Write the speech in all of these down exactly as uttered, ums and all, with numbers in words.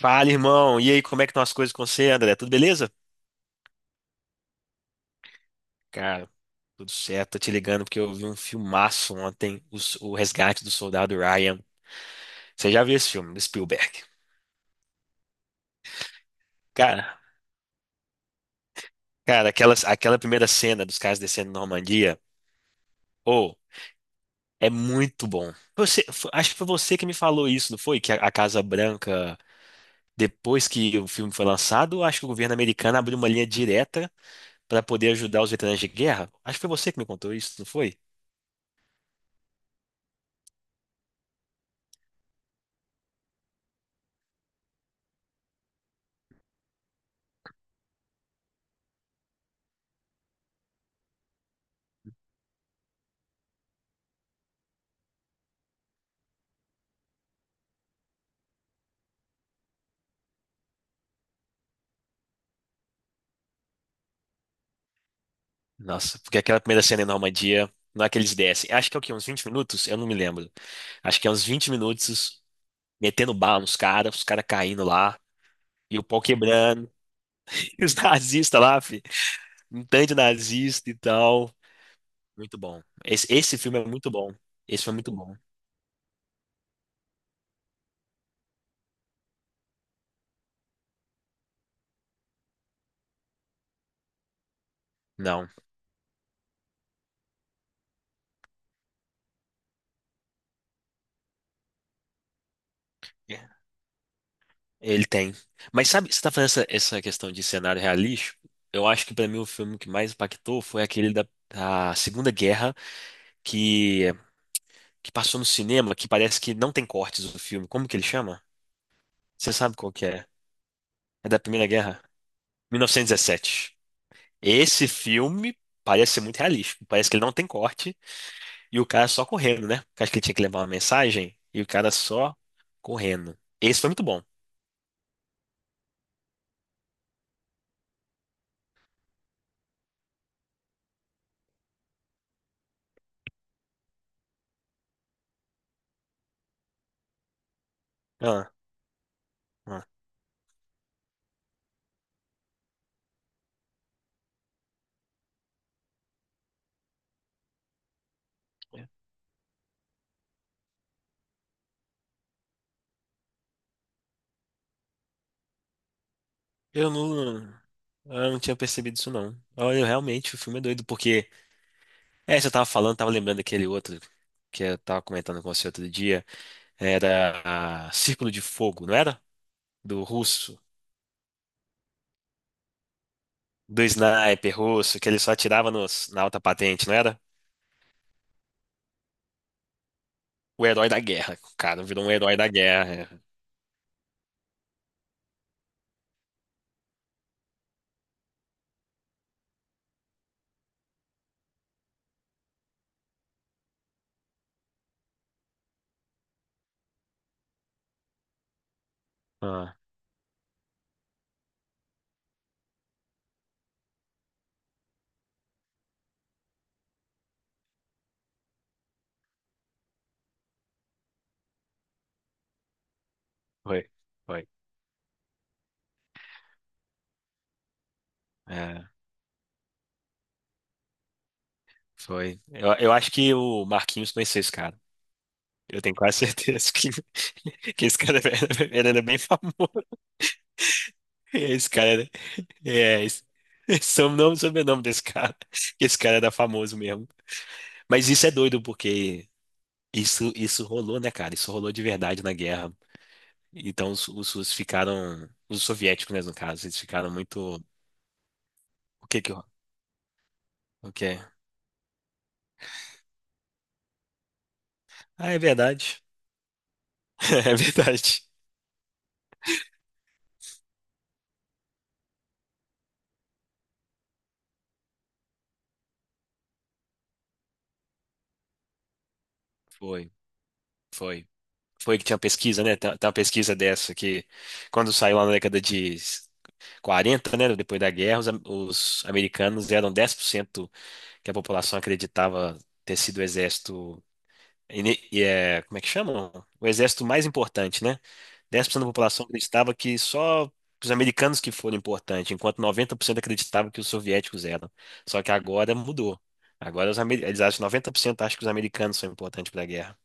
Fala, irmão. E aí, como é que estão as coisas com você, André? Tudo beleza? Cara, tudo certo. Tô te ligando porque eu vi um filmaço ontem, o, o Resgate do Soldado Ryan. Você já viu esse filme, do Spielberg? Cara, cara, aquela, aquela primeira cena dos caras descendo na Normandia, oh, é muito bom. Você, fo- acho que foi você que me falou isso, não foi? Que a, a Casa Branca, depois que o filme foi lançado, acho que o governo americano abriu uma linha direta para poder ajudar os veteranos de guerra. Acho que foi você que me contou isso, não foi? Nossa, porque aquela primeira cena em Normandia, não é que eles descem. Acho que é o quê? Uns vinte minutos? Eu não me lembro. Acho que é uns vinte minutos metendo bala nos caras, os caras caindo lá, e o pau quebrando, e os nazistas lá, fi, um tanto de nazista e tal. Muito bom. Esse, esse filme é muito bom. Esse foi muito bom. Não, ele tem. Mas sabe, você tá falando essa, essa questão de cenário realístico? Eu acho que pra mim o filme que mais impactou foi aquele da, da Segunda Guerra que, que passou no cinema, que parece que não tem cortes do filme. Como que ele chama? Você sabe qual que é? É da Primeira Guerra? mil novecentos e dezessete. Esse filme parece ser muito realístico. Parece que ele não tem corte e o cara só correndo, né? Porque acho que ele tinha que levar uma mensagem e o cara só correndo. Esse foi muito bom. Ah, ah. Eu não. Eu não tinha percebido isso, não. Olha, realmente, o filme é doido, porque. É, você tava falando, tava lembrando daquele outro que eu tava comentando com você outro dia. Era a Círculo de Fogo, não era? Do russo. Do sniper russo, que ele só atirava nos, na alta patente, não era? O herói da guerra. O cara virou um herói da guerra. Ah, foi, foi. É, foi. Eu, eu acho que o Marquinhos conheceu esse cara. Eu tenho quase certeza que, que esse cara era, ele era bem famoso. Esse cara era, é, esse, esse é o nome, sobrenome desse cara. Esse cara era famoso mesmo. Mas isso é doido, porque isso, isso rolou, né, cara? Isso rolou de verdade na guerra. Então os, os russos ficaram, os soviéticos, né, no caso, eles ficaram muito. O que que. eu- O que? Ah, é verdade. É verdade. Foi, foi. Foi que tinha uma pesquisa, né? Tem tem uma pesquisa dessa que, quando saiu lá na década de quarenta, né? Depois da guerra, os, am- os americanos eram dez por cento que a população acreditava ter sido o exército. Ine- e é, como é que chamam? O exército mais importante, né? Dez por cento da população acreditava que só os americanos que foram importantes, enquanto noventa por cento acreditavam que os soviéticos eram. Só que agora mudou. Agora os, amer- eles acham que noventa por cento acham que os americanos são importantes para a guerra.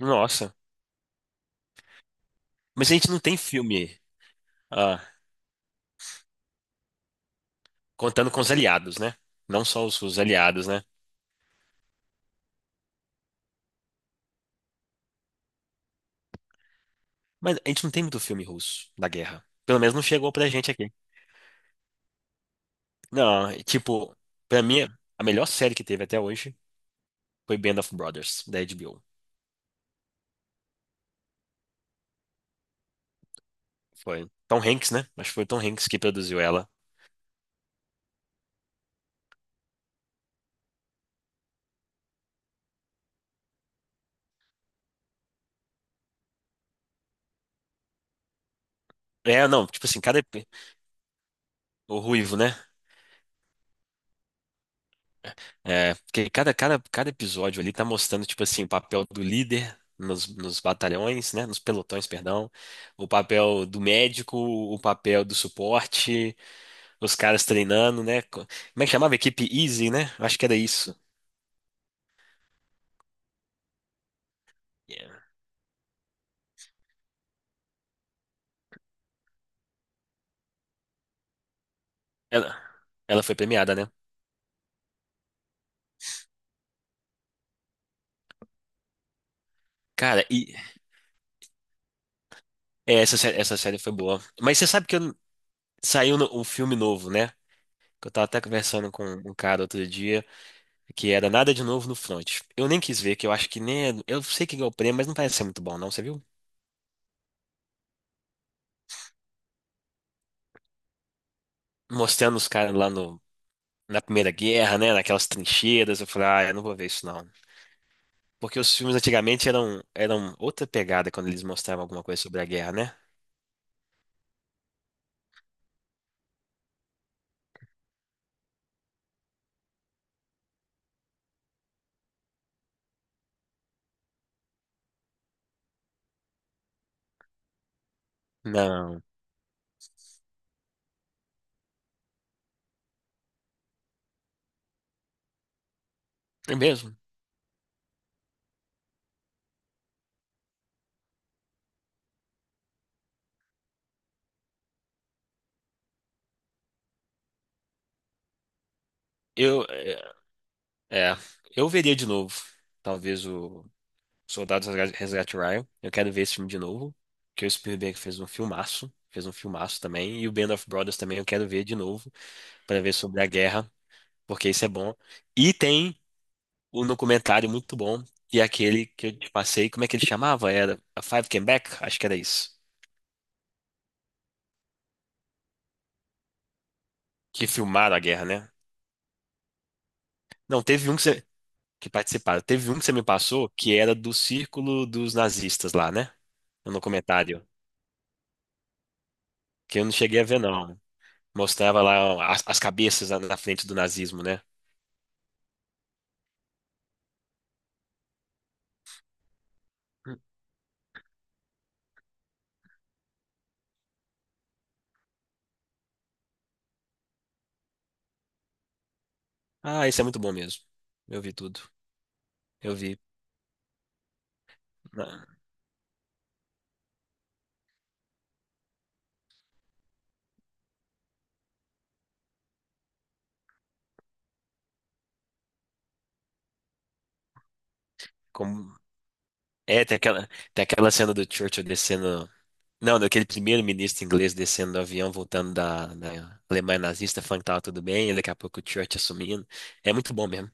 Nossa. Mas a gente não tem filme. Ah, contando com os aliados, né? Não só os, os aliados, né? Mas a gente não tem muito filme russo da guerra. Pelo menos não chegou pra gente aqui. Não, e, tipo, pra mim, a melhor série que teve até hoje foi Band of Brothers, da H B O. Foi Tom Hanks, né? Acho que foi Tom Hanks que produziu ela. É, não, tipo assim, cada. epi- o Ruivo, né? É, porque cada, cada, cada episódio ali tá mostrando, tipo assim, o papel do líder nos, nos batalhões, né? Nos pelotões, perdão. O papel do médico, o papel do suporte. Os caras treinando, né? Co- Como é que chamava? Equipe Easy, né? Eu acho que era isso. Yeah. Ela, ela foi premiada, né? Cara, e é, essa, sé- essa série foi boa. Mas você sabe que eu- saiu no- um filme novo, né? Que eu tava até conversando com um cara outro dia, que era Nada de Novo no Front. Eu nem quis ver, que eu acho que nem. É- eu sei que ganhou o prêmio, mas não parece ser muito bom, não, você viu? Mostrando os caras lá no, na Primeira Guerra, né? Naquelas trincheiras. Eu falei, ah, eu não vou ver isso, não. Porque os filmes antigamente eram, eram outra pegada quando eles mostravam alguma coisa sobre a guerra, né? Não. É mesmo? Eu, é, é, eu veria de novo, talvez o Soldados Resgate Resgate Ryan. Eu quero ver esse filme de novo, que o Spielberg fez um filmaço, fez um filmaço também, e o Band of Brothers também eu quero ver de novo, para ver sobre a guerra, porque isso é bom. E tem um documentário muito bom, e aquele que eu te passei, como é que ele chamava? Era A Five Came Back? Acho que era isso. Que filmaram a guerra, né? Não, teve um que que participaram. Teve um que você me passou que era do círculo dos nazistas lá, né? No comentário. Que eu não cheguei a ver, não. Mostrava lá as, as cabeças na, na frente do nazismo, né? Ah, isso é muito bom mesmo. Eu vi tudo. Eu vi. Ah, como... É, tem aquela, tem aquela cena do Churchill descendo. Não, daquele primeiro-ministro inglês descendo do avião, voltando da, da Alemanha nazista, falando que tava tudo bem, e daqui a pouco o Churchill assumindo. É muito bom mesmo.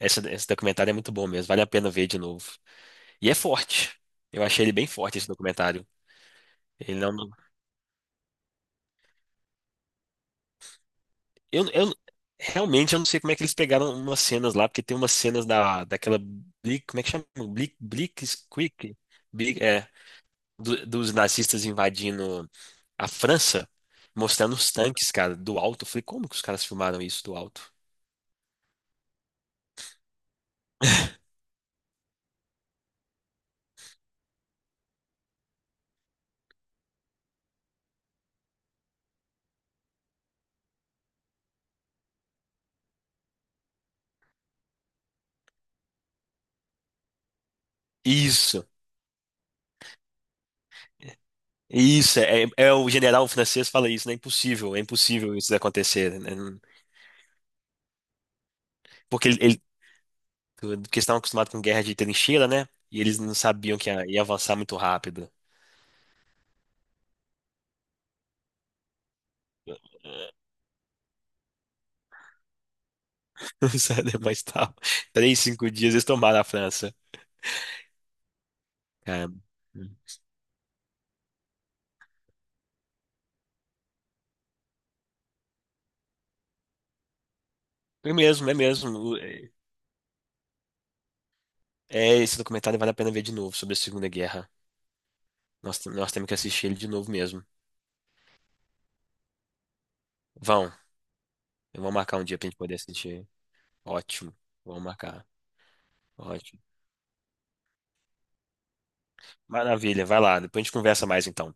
Esse, esse documentário é muito bom mesmo, vale a pena ver de novo. E é forte. Eu achei ele bem forte esse documentário. Ele não. não- Eu, eu realmente eu não sei como é que eles pegaram umas cenas lá, porque tem umas cenas da, daquela. Bli- como é que chama? Bli- Blitzkrieg? Bli- é, do- dos nazistas invadindo a França, mostrando os tanques, cara, do alto. Eu falei, como que os caras filmaram isso do alto? Isso. Isso, é, é é, o general francês fala isso, né? É impossível, é impossível isso acontecer, né? Porque ele, tudo, porque eles estavam acostumados com guerra de trincheira, né? E eles não sabiam que ia, ia avançar muito rápido. Sério, mas tal. Três, cinco dias eles tomaram a França. É, é mesmo, é mesmo. É, é, esse documentário vale a pena ver de novo sobre a Segunda Guerra. Nós, nós temos que assistir ele de novo mesmo. Vão, eu vou marcar um dia pra gente poder assistir. Ótimo, vamos marcar. Ótimo. Maravilha, vai lá, depois a gente conversa mais então.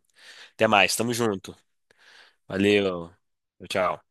Até mais, tamo junto. Valeu, tchau. Tchau.